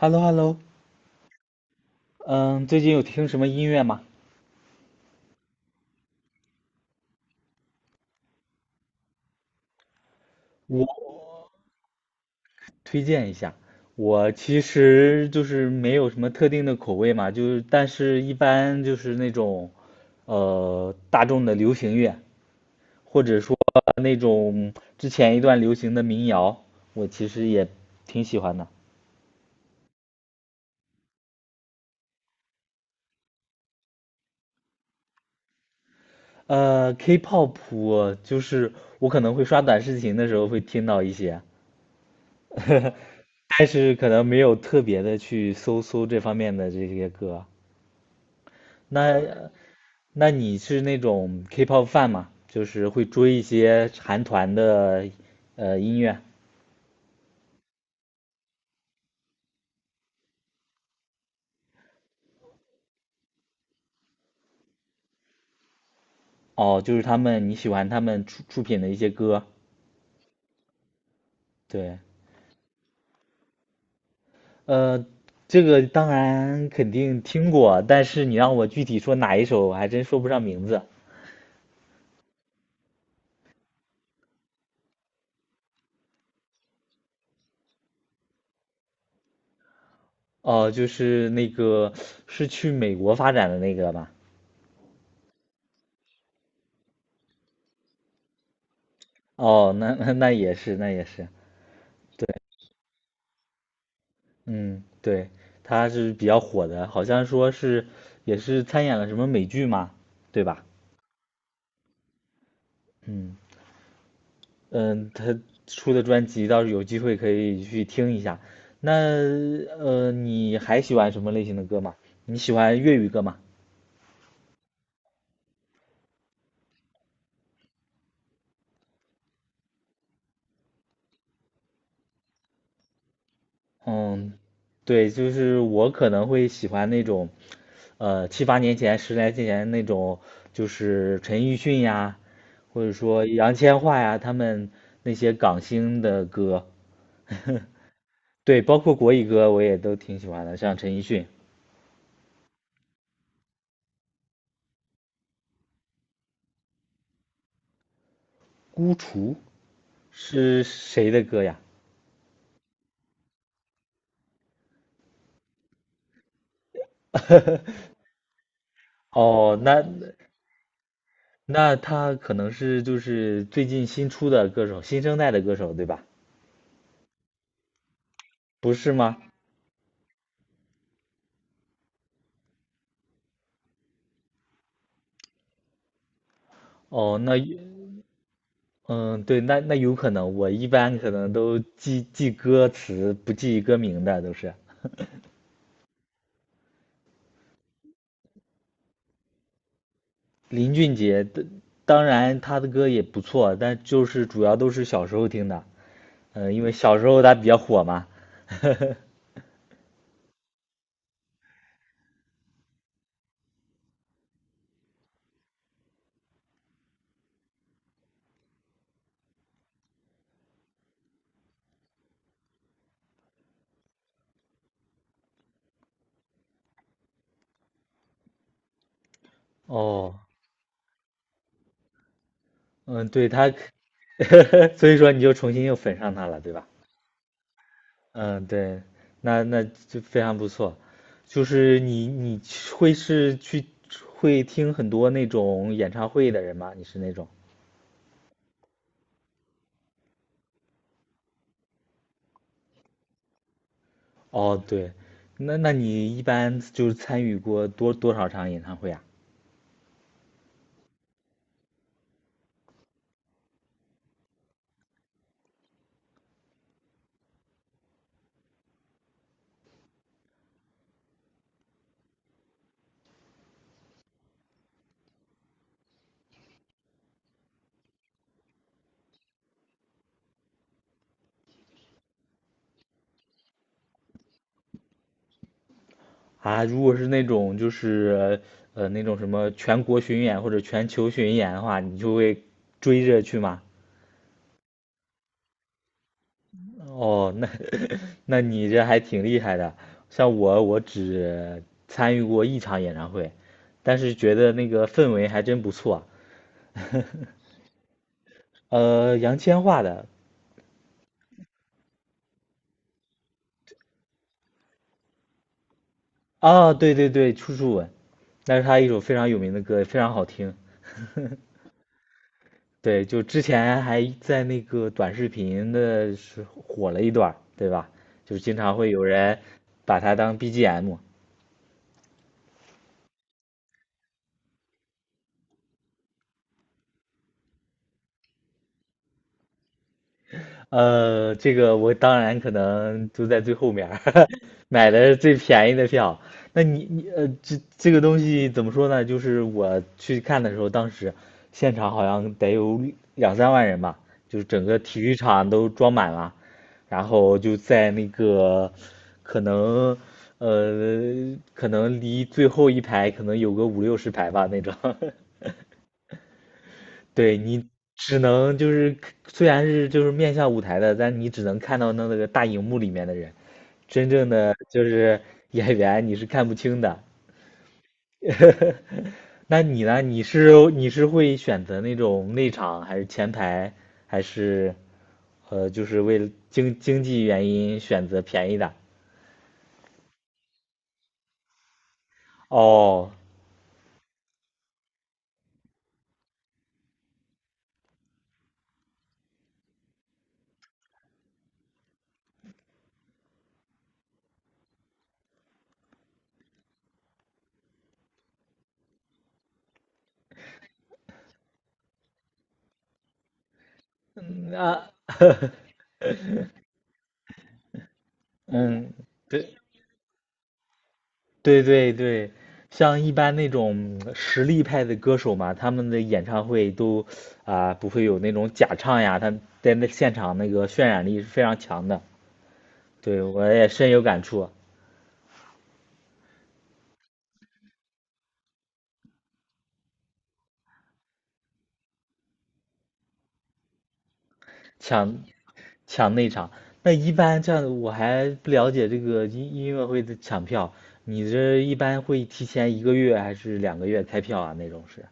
h e l l o h e l l o 嗯，最近有听什么音乐吗？我推荐一下。我其实就是没有什么特定的口味嘛，就是但是一般就是那种，大众的流行乐，或者说那种之前一段流行的民谣，我其实也挺喜欢的。K-pop 我就是我可能会刷短视频的时候会听到一些，但是可能没有特别的去搜搜这方面的这些歌。那那你是那种 K-pop fan 吗？就是会追一些韩团的音乐？哦，就是他们你喜欢他们出品的一些歌？对，呃，这个当然肯定听过，但是你让我具体说哪一首，我还真说不上名字。哦，就是那个是去美国发展的那个吧？哦，那也是，那也是。对。嗯，对，他是比较火的，好像说是也是参演了什么美剧嘛，对吧？嗯嗯，他出的专辑倒是有机会可以去听一下。那你还喜欢什么类型的歌吗？你喜欢粤语歌吗？嗯，对，就是我可能会喜欢那种，七八年前、十来年前那种，就是陈奕迅呀，或者说杨千嬅呀，他们那些港星的歌。对，包括国语歌我也都挺喜欢的，像陈奕迅《孤雏》是谁的歌呀？哦，那他可能是就是最近新出的歌手，新生代的歌手，对吧？不是吗？哦，那嗯，对，那有可能，我一般可能都记记歌词，不记歌名的都是。林俊杰的，当然他的歌也不错，但就是主要都是小时候听的，嗯，因为小时候他比较火嘛。哦，嗯，对他，所以说你就重新又粉上他了，对吧？嗯，对，那就非常不错。就是你你会是去会听很多那种演唱会的人吗？你是那种？哦，对，那你一般就是参与过多少场演唱会啊？啊，如果是那种就是那种什么全国巡演或者全球巡演的话，你就会追着去吗？哦，那你这还挺厉害的。像我，我只参与过一场演唱会，但是觉得那个氛围还真不错。杨千嬅的，啊，对对对，《处处吻》，那是他一首非常有名的歌，非常好听。对，就之前还在那个短视频的是火了一段儿对吧？就是经常会有人把它当 BGM。这个我当然可能就在最后面儿 买的最便宜的票。那你这个东西怎么说呢？就是我去看的时候，当时现场好像得有两三万人吧，就是整个体育场都装满了，然后就在那个可能可能离最后一排可能有个五六十排吧那种。对你只能就是虽然是就是面向舞台的，但你只能看到那个大荧幕里面的人，真正的就是演员你是看不清的。那你呢？你是会选择那种内场还是前排，还是就是为了经济原因选择便宜的？哦，嗯，那嗯，对对对对，像一般那种实力派的歌手嘛，他们的演唱会都啊、不会有那种假唱呀，他在那现场那个渲染力是非常强的。对，我也深有感触，抢抢内场。那一般这样，我还不了解这个音乐会的抢票，你这一般会提前1个月还是2个月开票啊？那种是？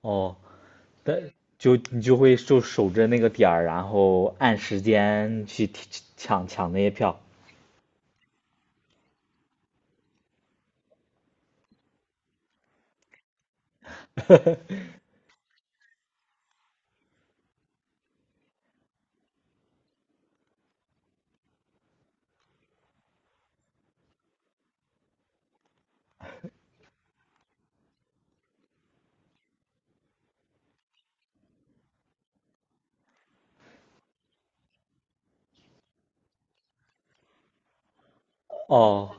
哦，但就你就会就守着那个点儿，然后按时间去抢那些票。哦，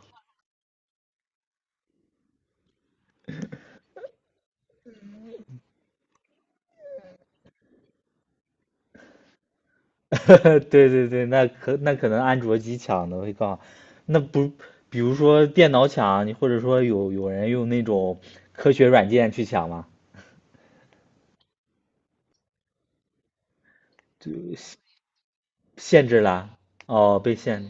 对对对，那可能安卓机抢的会更好，那不，比如说电脑抢，你或者说有人用那种科学软件去抢吗？就限制了，哦，被限制，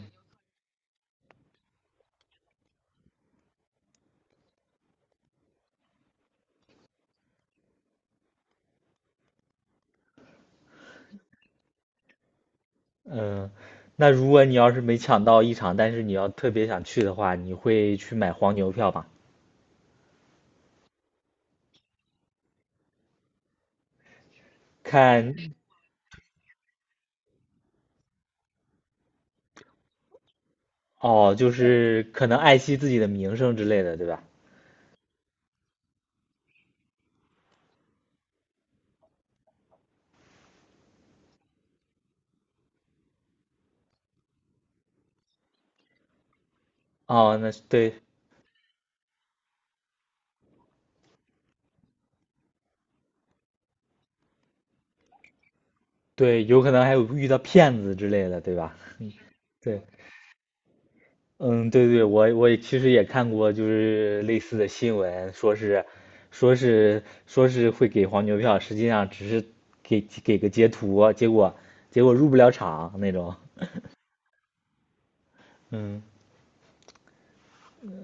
嗯，那如果你要是没抢到一场，但是你要特别想去的话，你会去买黄牛票吗？看，哦，就是可能爱惜自己的名声之类的，对吧？哦，那对对，有可能还有遇到骗子之类的，对吧？对。嗯，对对，我也其实也看过，就是类似的新闻，说是会给黄牛票，实际上只是给个截图，结果入不了场那种。嗯，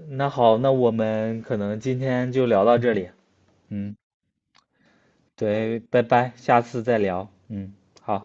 那好，那我们可能今天就聊到这里。嗯，对，拜拜，下次再聊。嗯，好。